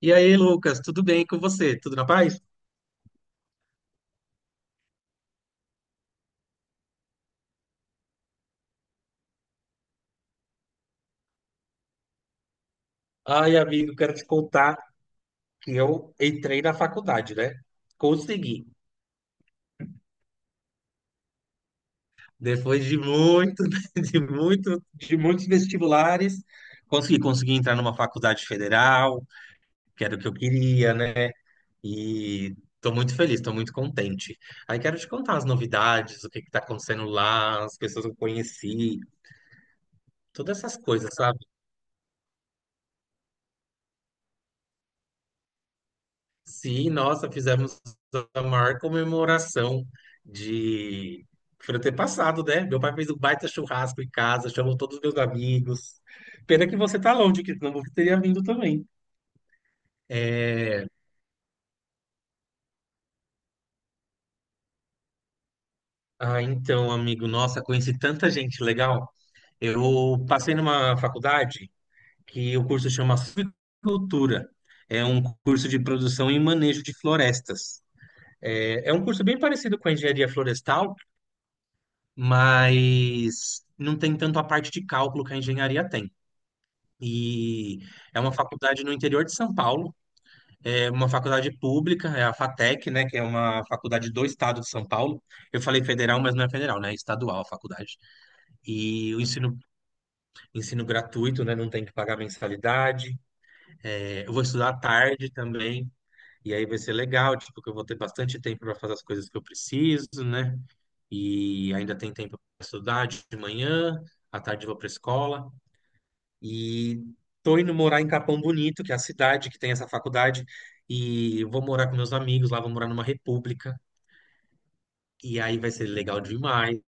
E aí, Lucas, tudo bem com você? Tudo na paz? Ai, amigo, quero te contar que eu entrei na faculdade, né? Consegui. Depois de muito, de muitos vestibulares, consegui entrar numa faculdade federal, que era o que eu queria, né? E tô muito feliz, tô muito contente. Aí quero te contar as novidades, o que que tá acontecendo lá, as pessoas que eu conheci, todas essas coisas, sabe? Sim, nossa, fizemos a maior comemoração de por eu ter passado, né? Meu pai fez um baita churrasco em casa, chamou todos os meus amigos. Pena que você tá longe, que senão você teria vindo também. É... Ah, então, amigo, nossa, conheci tanta gente legal. Eu passei numa faculdade que o curso chama Suicultura. É um curso de produção e manejo de florestas. É, é um curso bem parecido com a engenharia florestal, mas não tem tanto a parte de cálculo que a engenharia tem. E é uma faculdade no interior de São Paulo, é uma faculdade pública, é a FATEC, né, que é uma faculdade do estado de São Paulo. Eu falei federal, mas não é federal, né, é estadual a faculdade. E o ensino, ensino gratuito, né, não tem que pagar mensalidade. É, eu vou estudar à tarde também. E aí vai ser legal, tipo, que eu vou ter bastante tempo para fazer as coisas que eu preciso, né? E ainda tem tempo para estudar de manhã, à tarde eu vou para escola. E tô indo morar em Capão Bonito, que é a cidade que tem essa faculdade, e eu vou morar com meus amigos lá, vou morar numa república, e aí vai ser legal demais,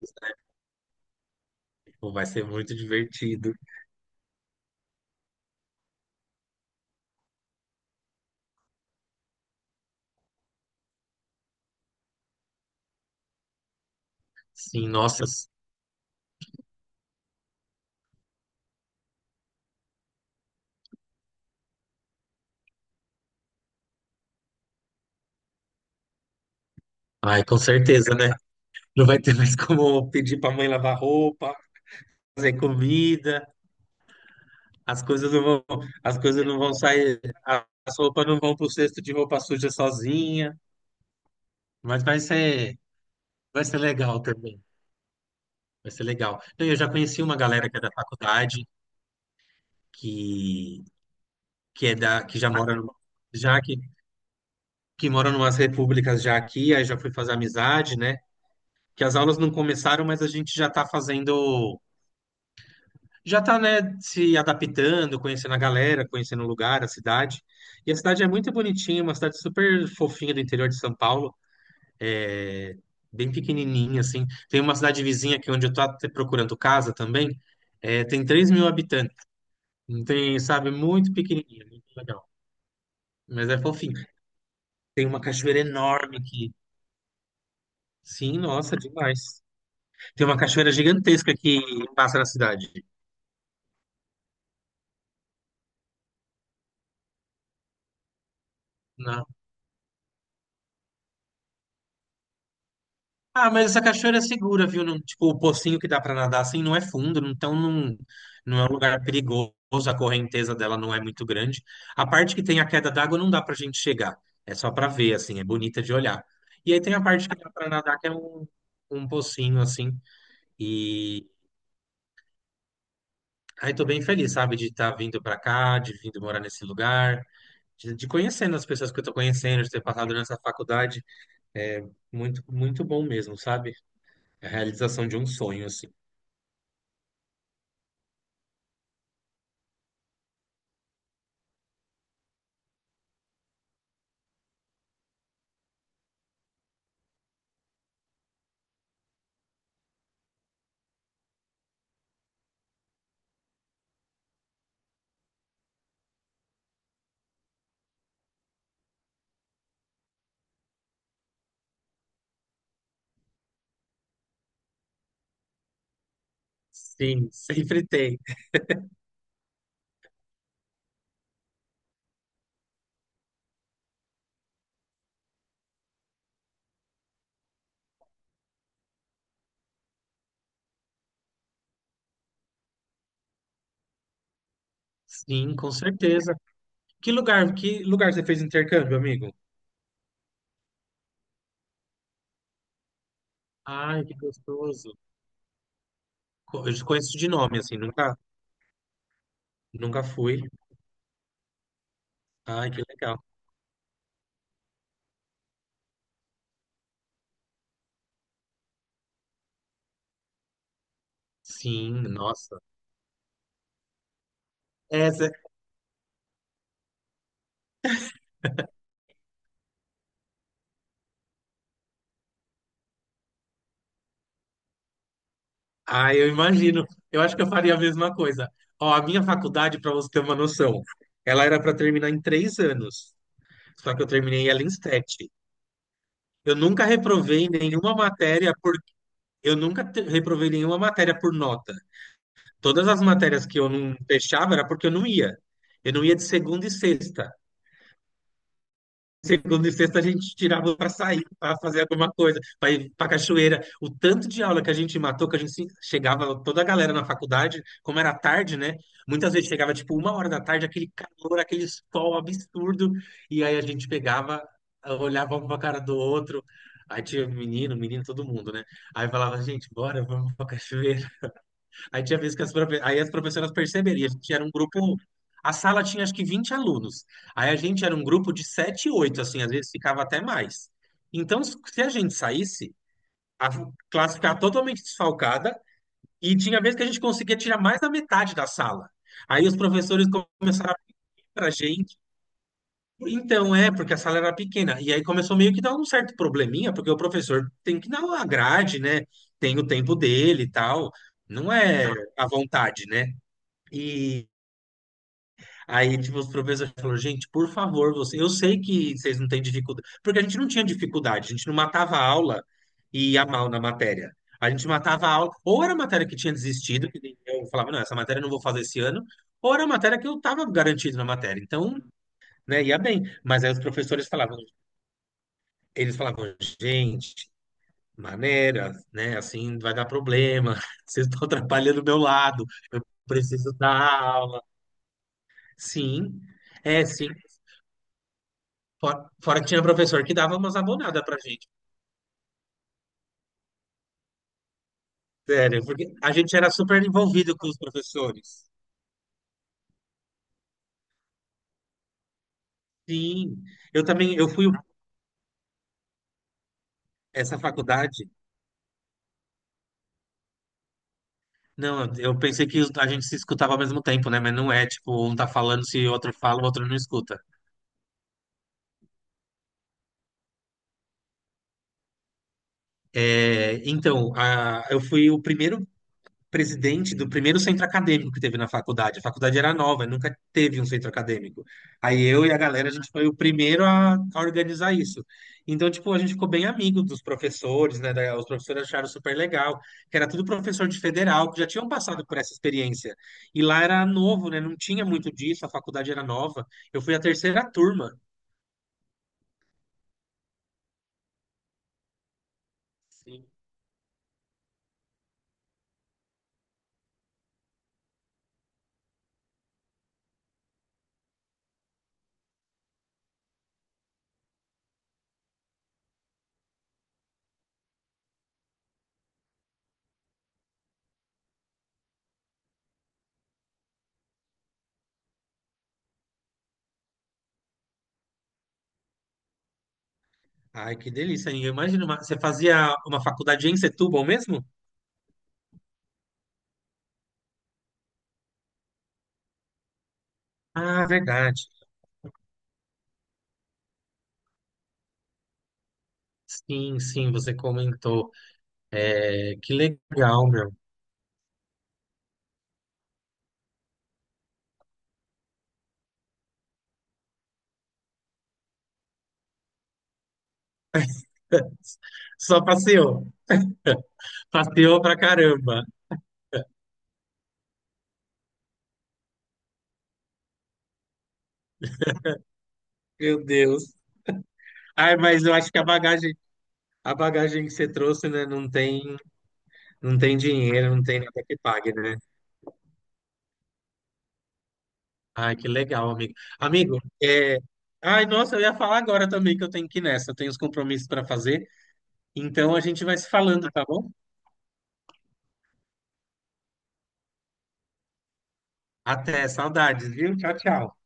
tipo, vai ser muito divertido. Sim, nossa, ai, com certeza, né? Não vai ter mais como pedir pra mãe lavar roupa, fazer comida, as coisas não vão, as coisas não vão sair, as roupas não vão pro cesto de roupa suja sozinha, mas vai ser legal também. Vai ser legal. Eu já conheci uma galera que é da faculdade, que, que já que, que mora numas repúblicas já aqui, aí já fui fazer amizade, né? Que as aulas não começaram, mas a gente já tá fazendo, né, se adaptando, conhecendo a galera, conhecendo o lugar, a cidade. E a cidade é muito bonitinha, uma cidade super fofinha do interior de São Paulo, é bem pequenininha, assim. Tem uma cidade vizinha aqui onde eu tô até procurando casa também, é, tem 3.000 habitantes, não tem, sabe, muito pequenininha, muito legal, mas é fofinho. Tem uma cachoeira enorme aqui. Sim, nossa, demais. Tem uma cachoeira gigantesca que passa na cidade. Não. Ah, mas essa cachoeira é segura, viu? Tipo, o pocinho que dá pra nadar assim não é fundo, então não, não é um lugar perigoso, a correnteza dela não é muito grande. A parte que tem a queda d'água não dá pra gente chegar. É só pra ver, assim, é bonita de olhar. E aí tem a parte que dá pra nadar, que é um, um pocinho, assim. E aí tô bem feliz, sabe, de estar vindo pra cá, de vindo morar nesse lugar. De conhecendo as pessoas que eu tô conhecendo, de ter passado nessa faculdade, é muito, muito bom mesmo, sabe? É a realização de um sonho, assim. Sim, sempre tem. Sim, com certeza. Que lugar você fez intercâmbio, amigo? Ai, que gostoso. Eu conheço de nome, assim, nunca fui. Ai, que legal. Sim, nossa. Essa, ai, eu imagino. Eu acho que eu faria a mesma coisa. Ó, a minha faculdade, para você ter uma noção, ela era para terminar em 3 anos. Só que eu terminei ela em 7. Eu nunca reprovei nenhuma matéria por eu nunca te- reprovei nenhuma matéria por nota. Todas as matérias que eu não fechava era porque eu não ia. Eu não ia de segunda e sexta. Segunda e sexta a gente tirava para sair, para fazer alguma coisa, para ir para cachoeira. O tanto de aula que a gente matou, que a gente chegava toda a galera na faculdade, como era tarde, né? Muitas vezes chegava tipo uma hora da tarde, aquele calor, aquele sol absurdo, e aí a gente pegava, olhava um para a cara do outro. Aí tinha menino, menino, todo mundo, né? Aí falava, gente, bora, vamos para cachoeira. Aí tinha vezes que as professoras perceberam, a gente era um grupo. A sala tinha acho que 20 alunos. Aí a gente era um grupo de 7, 8, assim, às vezes ficava até mais. Então, se a gente saísse, a classe ficava totalmente desfalcada, e tinha vezes que a gente conseguia tirar mais da metade da sala. Aí os professores começaram a vir pra gente. Então, é, porque a sala era pequena. E aí começou meio que dar um certo probleminha, porque o professor tem que dar uma grade, né? Tem o tempo dele e tal. Não é à vontade, né? E aí, tipo, os professores falaram, gente, por favor, você... eu sei que vocês não têm dificuldade, porque a gente não tinha dificuldade, a gente não matava a aula e ia mal na matéria. A gente matava a aula, ou era a matéria que tinha desistido, que nem eu falava, não, essa matéria eu não vou fazer esse ano, ou era a matéria que eu estava garantido na matéria. Então, né, ia bem. Mas aí os professores falavam, eles falavam, gente, maneira, né, assim vai dar problema, vocês estão atrapalhando o meu lado, eu preciso dar aula. Sim. É, sim, fora que tinha professor que dava umas abonadas pra gente. Sério, porque a gente era super envolvido com os professores. Sim, eu também, essa faculdade. Não, eu pensei que a gente se escutava ao mesmo tempo, né? Mas não é, tipo, um tá falando, se o outro fala, o outro não escuta. É, então, eu fui o primeiro presidente do primeiro centro acadêmico que teve na faculdade. A faculdade era nova, nunca teve um centro acadêmico. Aí eu e a galera, a gente foi o primeiro a organizar isso. Então, tipo, a gente ficou bem amigo dos professores, né? Os professores acharam super legal, que era tudo professor de federal, que já tinham passado por essa experiência. E lá era novo, né? Não tinha muito disso, a faculdade era nova. Eu fui a 3ª turma. Sim. Ai, que delícia, hein? Eu imagino, você fazia uma faculdade em Setúbal mesmo? Ah, verdade. Sim, sim, você comentou. É, que legal, meu. Só passeou. Passeou pra caramba. Meu Deus. Ai, mas eu acho que a bagagem que você trouxe, né, não tem, não tem dinheiro, não tem nada que pague, né? Ai, que legal, amigo. Amigo, é... Ai, nossa, eu ia falar agora também que eu tenho que ir nessa. Eu tenho os compromissos para fazer. Então a gente vai se falando, tá bom? Até, saudades, viu? Tchau, tchau.